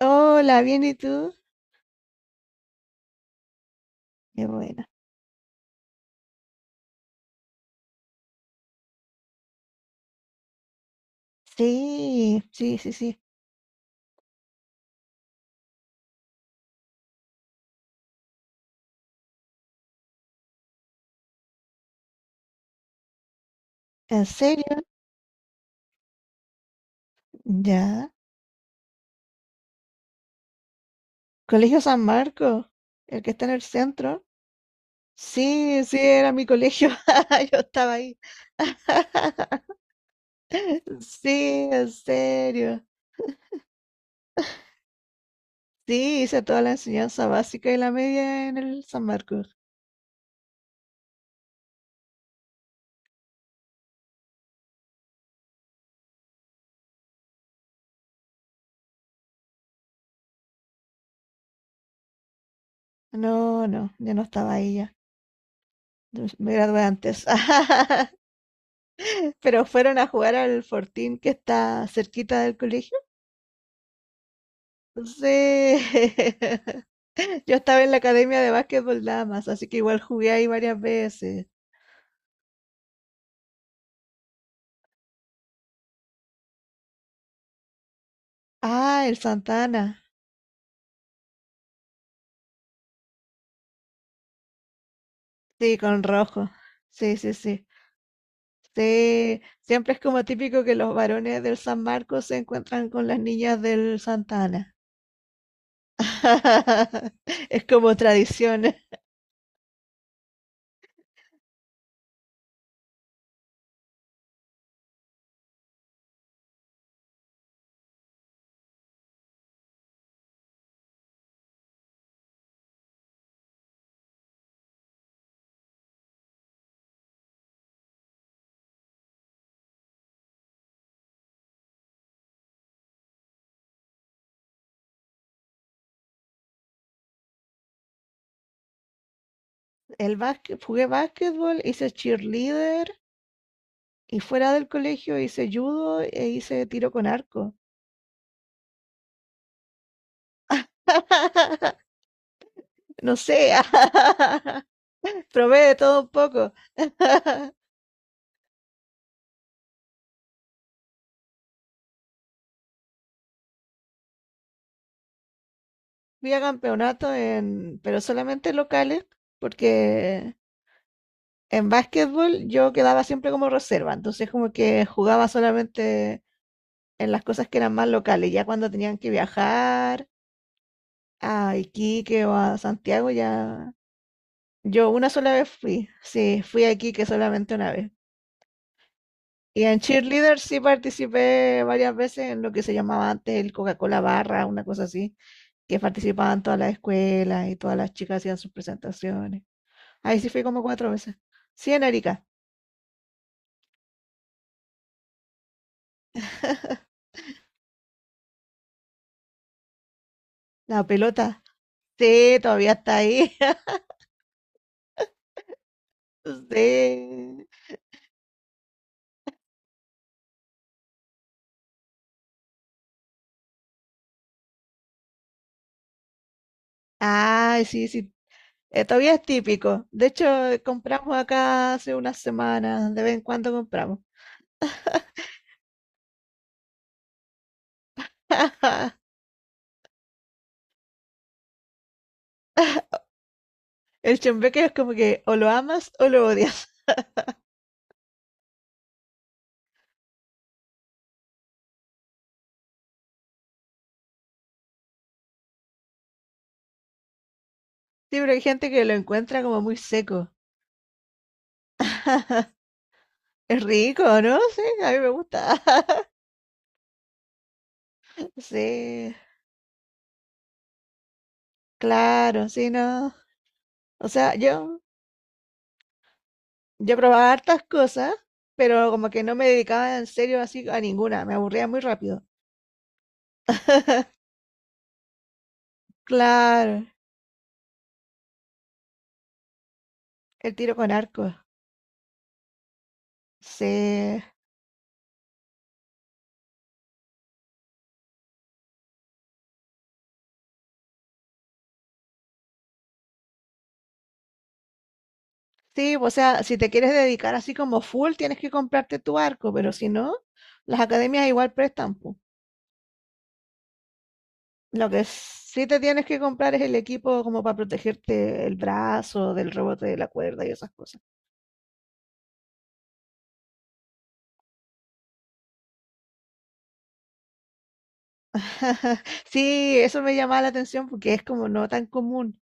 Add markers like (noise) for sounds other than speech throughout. Hola, ¿bien y tú? Qué buena. Sí, sí, sí, sí. ¿En serio? Ya. Colegio San Marco, el que está en el centro. Sí, sí, era mi colegio. (laughs) Yo estaba ahí. Sí, en serio. Sí, hice toda la enseñanza básica y la media en el San Marcos. No, yo no estaba ahí ya. Yo Me gradué antes. (laughs) Pero fueron a jugar al Fortín que está cerquita del colegio. Sí. (laughs) Yo estaba en la academia de básquetbol damas, así que igual jugué ahí varias veces. Ah, el Santana. Sí, con rojo. Sí, sí, sí. Sí, siempre es como típico que los varones del San Marcos se encuentran con las niñas del Santana. (laughs) Es como tradición. El básquet, jugué básquetbol, hice cheerleader y fuera del colegio hice judo e hice tiro con arco. (laughs) No sé, (laughs) probé de todo un poco. (laughs) Fui a campeonatos en, pero solamente locales, porque en básquetbol yo quedaba siempre como reserva, entonces como que jugaba solamente en las cosas que eran más locales, ya cuando tenían que viajar a Iquique o a Santiago, ya yo una sola vez fui, sí, fui a Iquique solamente una vez. Y en cheerleader sí participé varias veces en lo que se llamaba antes el Coca-Cola Barra, una cosa así, que participaban todas las escuelas y todas las chicas hacían sus presentaciones. Ahí sí fui como cuatro veces. Sí, en Arica. La pelota. Sí, todavía está ahí. (laughs) Sí. Ay, sí, sí. Todavía es típico. De hecho, compramos acá hace unas semanas. De vez en cuando compramos. (laughs) El chembeque es como que o lo amas o lo odias. Sí, pero hay gente que lo encuentra como muy seco. Es rico, ¿no? Sí, a mí me gusta. (laughs) Sí, claro, sí, no. O sea, Yo probaba hartas cosas, pero como que no me dedicaba en serio así a ninguna, me aburría muy rápido. Claro, el tiro con arco. Sí. Sí, o sea, si te quieres dedicar así como full, tienes que comprarte tu arco, pero si no, las academias igual prestan, po. Lo que sí te tienes que comprar es el equipo como para protegerte el brazo del rebote de la cuerda y esas cosas. (laughs) Sí, eso me llamaba la atención porque es como no tan común.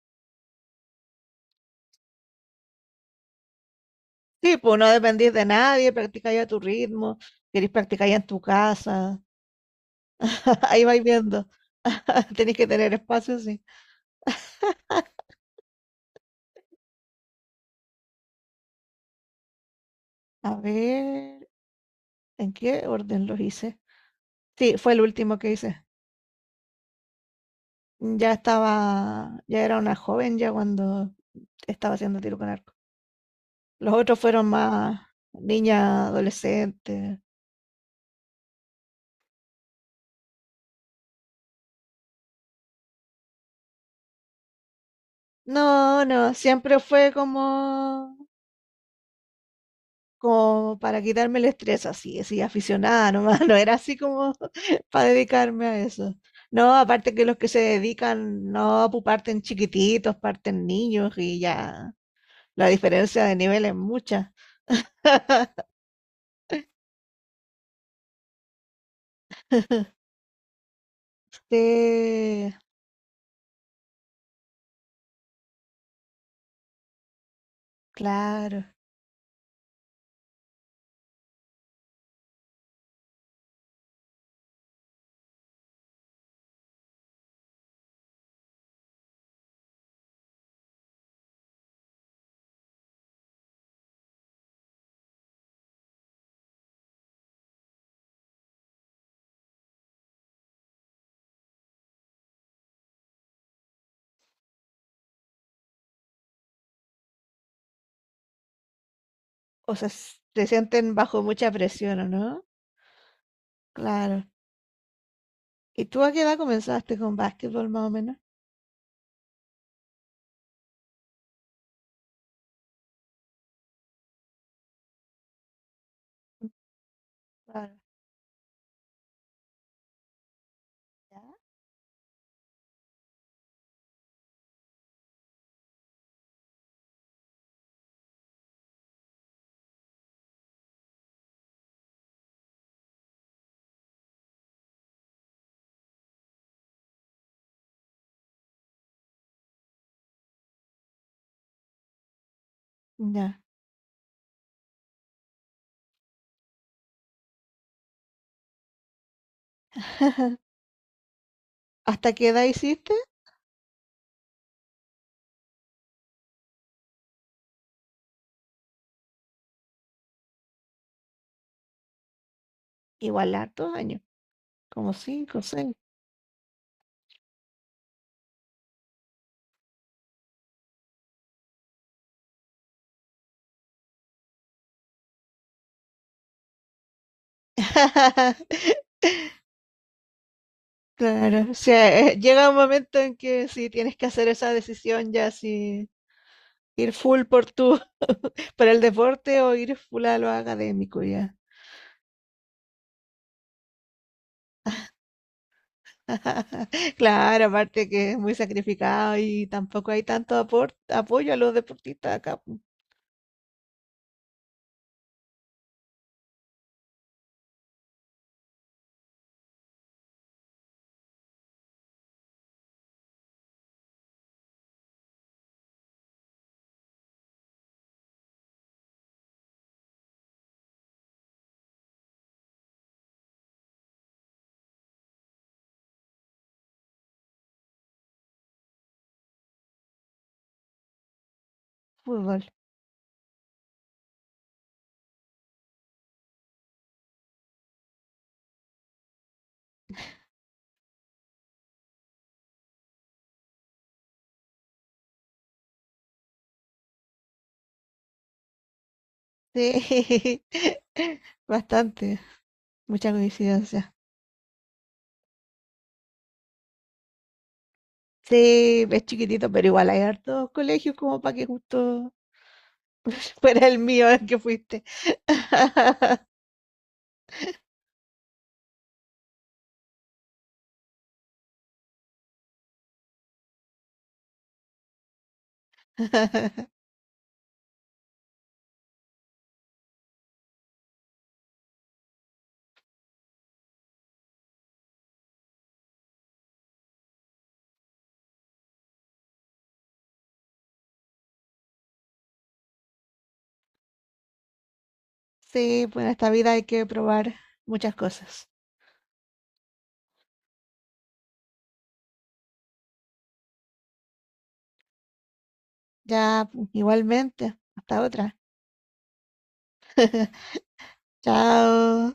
Sí, pues no dependís de nadie, practicáis a tu ritmo, querés practicar ya en tu casa, (laughs) ahí vais viendo, (laughs) tenés que tener espacio, sí. A ver, ¿en qué orden los hice? Sí, fue el último que hice. Ya era una joven ya cuando estaba haciendo tiro con arco. Los otros fueron más niña, adolescente. No, no, siempre fue como, como para quitarme el estrés, así, así, aficionada nomás, (laughs) no era así como para dedicarme a eso. No, aparte que los que se dedican, no, pues parten chiquititos, parten niños y ya la diferencia de nivel es mucha. (laughs) Sí, claro. O sea, se sienten bajo mucha presión, ¿o no? Claro. ¿Y tú a qué edad comenzaste con básquetbol más o menos? Claro. ¿Ya? Ya. (laughs) ¿Hasta qué edad hiciste? Igual hartos años, como cinco o seis. (laughs) Claro, o sea, llega un momento en que si tienes que hacer esa decisión ya si ir full por tu (laughs) por el deporte o ir full a lo académico ya. (laughs) Claro, aparte que es muy sacrificado y tampoco hay tanto apoyo a los deportistas acá pu- fútbol. Sí. (laughs) Bastante, mucha coincidencia. Sí, es chiquitito, pero igual hay hartos colegios como para que justo (laughs) fuera el mío el que fuiste. (laughs) Sí, pues en esta vida hay que probar muchas cosas. Ya, pues, igualmente. Hasta otra. (laughs) Chao.